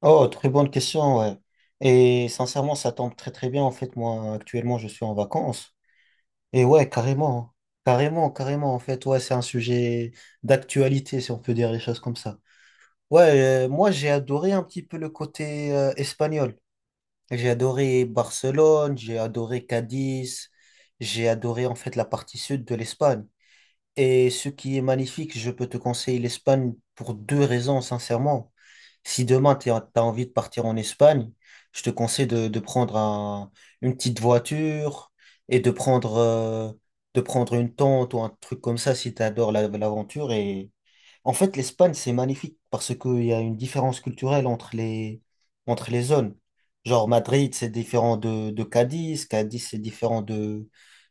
Oh, très bonne question, ouais. Et sincèrement, ça tombe très très bien. En fait, moi, actuellement, je suis en vacances. Et ouais, carrément, hein. Carrément, carrément. En fait, ouais, c'est un sujet d'actualité, si on peut dire les choses comme ça. Ouais, moi, j'ai adoré un petit peu le côté espagnol. J'ai adoré Barcelone, j'ai adoré Cadiz, j'ai adoré en fait la partie sud de l'Espagne. Et ce qui est magnifique, je peux te conseiller l'Espagne pour deux raisons, sincèrement. Si demain, tu as envie de partir en Espagne, je te conseille de une petite voiture et de prendre une tente ou un truc comme ça si tu adores l'aventure. Et en fait, l'Espagne, c'est magnifique parce qu'il y a une différence culturelle entre les zones. Genre, Madrid, c'est différent de Cadiz, Cadiz, c'est différent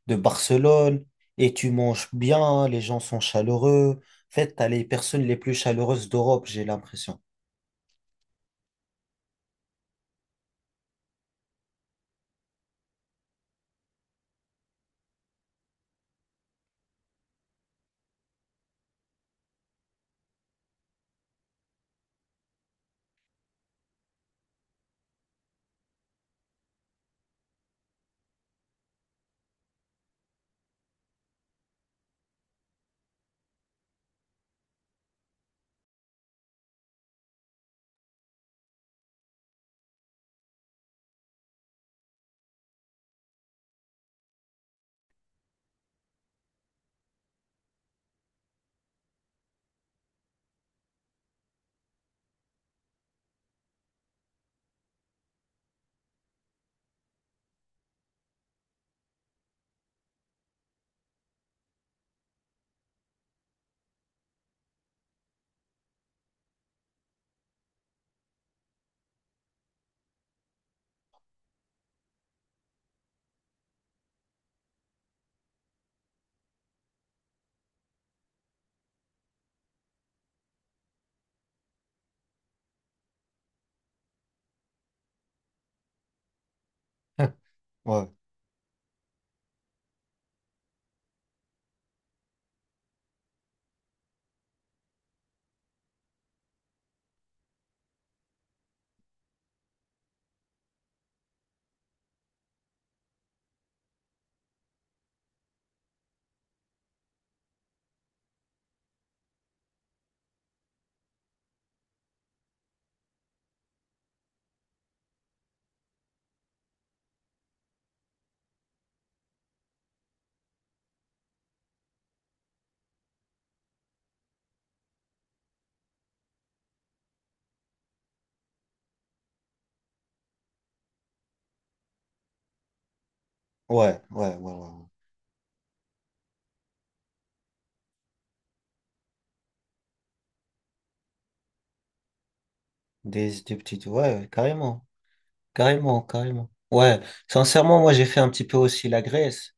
de Barcelone, et tu manges bien, les gens sont chaleureux. En fait, t'as les personnes les plus chaleureuses d'Europe, j'ai l'impression. Ouais, ouais, ouais, ouais, ouais, ouais. Des petites, ouais, ouais, carrément. Carrément, carrément. Ouais, sincèrement, moi j'ai fait un petit peu aussi la Grèce.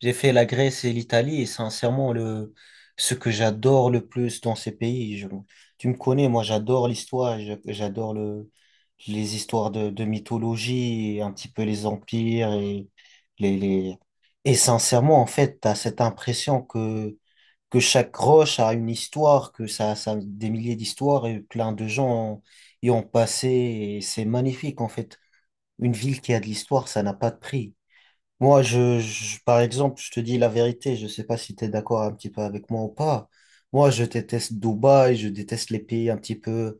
J'ai fait la Grèce et l'Italie et sincèrement, ce que j'adore le plus dans ces pays, tu me connais, moi j'adore l'histoire, j'adore les histoires de mythologie, et un petit peu les empires et les... Et sincèrement, en fait, t'as cette impression que chaque roche a une histoire, ça a des milliers d'histoires et plein de gens y ont passé et c'est magnifique en fait. Une ville qui a de l'histoire, ça n'a pas de prix. Moi, par exemple, je te dis la vérité, je sais pas si tu es d'accord un petit peu avec moi ou pas. Moi, je déteste Dubaï, je déteste les pays un petit peu,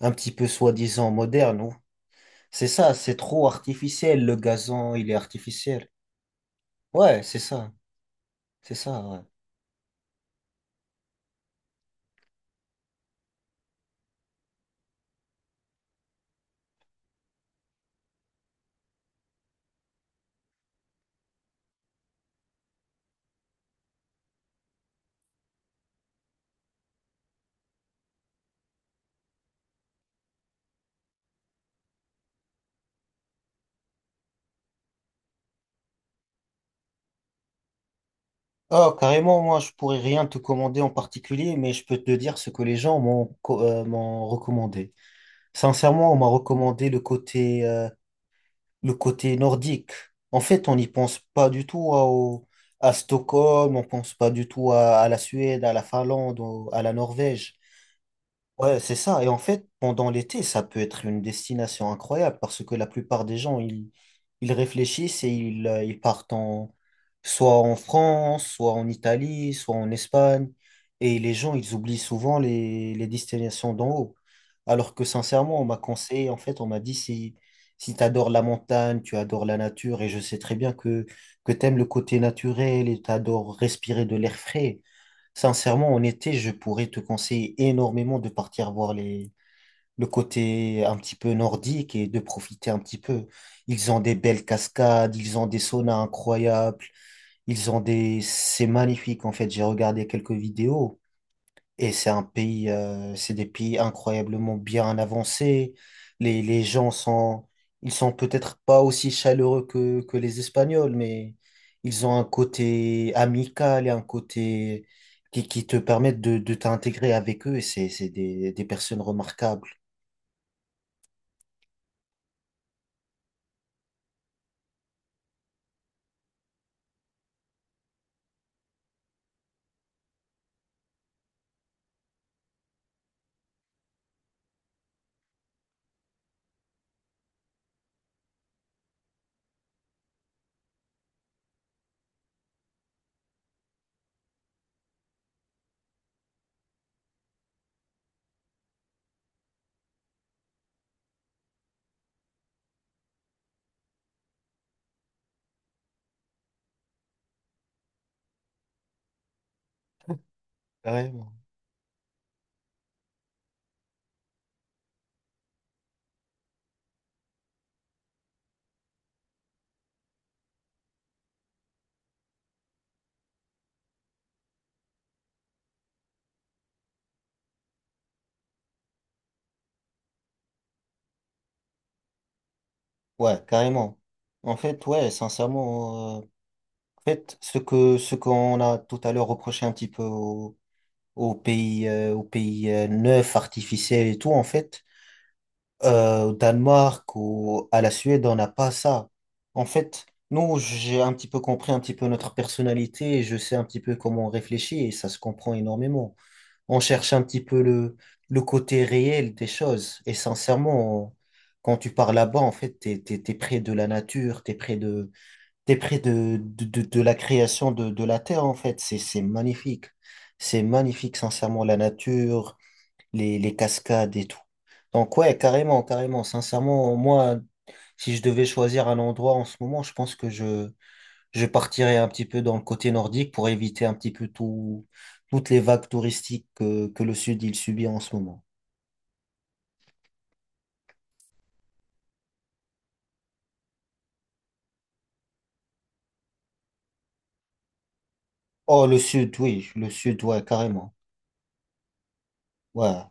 soi-disant modernes. C'est ça, c'est trop artificiel, le gazon, il est artificiel. Ouais, c'est ça, ouais. Oh, carrément, moi, je pourrais rien te commander en particulier, mais je peux te dire ce que les gens m'ont recommandé. Sincèrement, on m'a recommandé le côté nordique. En fait, on n'y pense pas du tout à Stockholm, on pense pas du tout à la Suède, à la Finlande, à la Norvège. Ouais, c'est ça. Et en fait, pendant l'été, ça peut être une destination incroyable parce que la plupart des gens, ils réfléchissent et ils partent en, soit en France, soit en Italie, soit en Espagne. Et les gens, ils oublient souvent les destinations d'en haut. Alors que sincèrement, on m'a conseillé, en fait, on m'a dit si tu adores la montagne, tu adores la nature, et je sais très bien que tu aimes le côté naturel et tu adores respirer de l'air frais. Sincèrement, en été, je pourrais te conseiller énormément de partir voir le côté un petit peu nordique et de profiter un petit peu. Ils ont des belles cascades, ils ont des saunas incroyables, ils ont des... C'est magnifique en fait, j'ai regardé quelques vidéos. Et c'est des pays incroyablement bien avancés. Les gens sont, ils sont peut-être pas aussi chaleureux que les Espagnols, mais ils ont un côté amical et un côté qui te permettent de t'intégrer avec eux. Et c'est des personnes remarquables. Carrément. Ouais, carrément. En fait, ouais, sincèrement, ce que, ce qu'on a tout à l'heure reproché un petit peu aux, aux pays neufs, artificiels et tout, en fait, au Danemark ou à la Suède, on n'a pas ça. En fait, nous, j'ai un petit peu compris un petit peu notre personnalité et je sais un petit peu comment on réfléchit et ça se comprend énormément. On cherche un petit peu le côté réel des choses et sincèrement, quand tu pars là-bas, en fait, t'es près de la nature, t'es près de la création de la terre, en fait. C'est magnifique. C'est magnifique, sincèrement, la nature les cascades et tout. Donc ouais, carrément, carrément. Sincèrement, moi, si je devais choisir un endroit en ce moment, je pense je partirais un petit peu dans le côté nordique pour éviter un petit peu toutes les vagues touristiques que le sud, il subit en ce moment. Oh, le sud, oui, le sud, ouais, carrément. Ouais,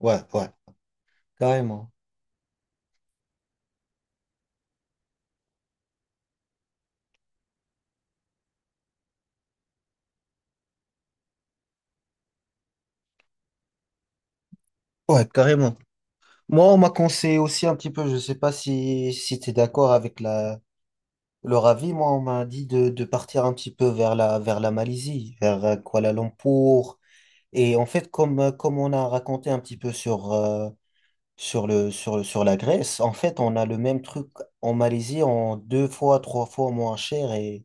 ouais, ouais, carrément. Ouais, carrément. Moi, on m'a conseillé aussi un petit peu, je sais pas si, si tu es d'accord avec la... Leur avis, moi, on m'a dit de partir un petit peu vers la Malaisie, vers Kuala Lumpur. Et en fait, comme on a raconté un petit peu sur le, sur la Grèce, en fait, on a le même truc en Malaisie en deux fois, trois fois moins cher et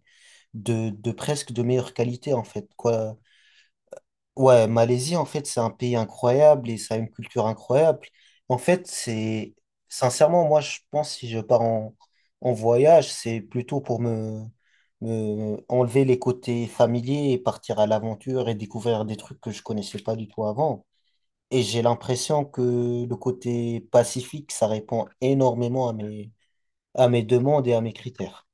de presque de meilleure qualité, en fait. Quoi. Ouais, Malaisie, en fait, c'est un pays incroyable et ça a une culture incroyable. En fait, c'est, sincèrement, moi, je pense, si je pars en, en voyage, c'est plutôt pour me enlever les côtés familiers et partir à l'aventure et découvrir des trucs que je connaissais pas du tout avant. Et j'ai l'impression que le côté pacifique, ça répond énormément à mes demandes et à mes critères.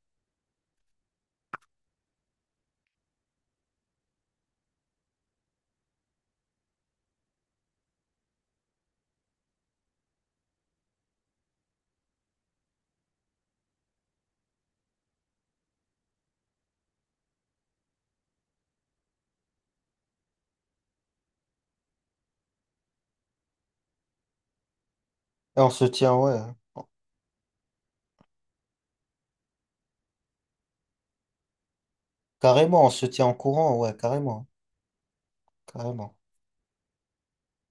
Et on se tient, ouais, carrément, on se tient en courant, ouais, carrément, carrément.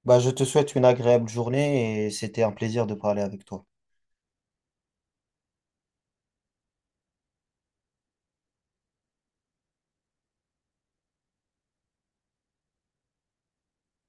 Bah, je te souhaite une agréable journée et c'était un plaisir de parler avec toi.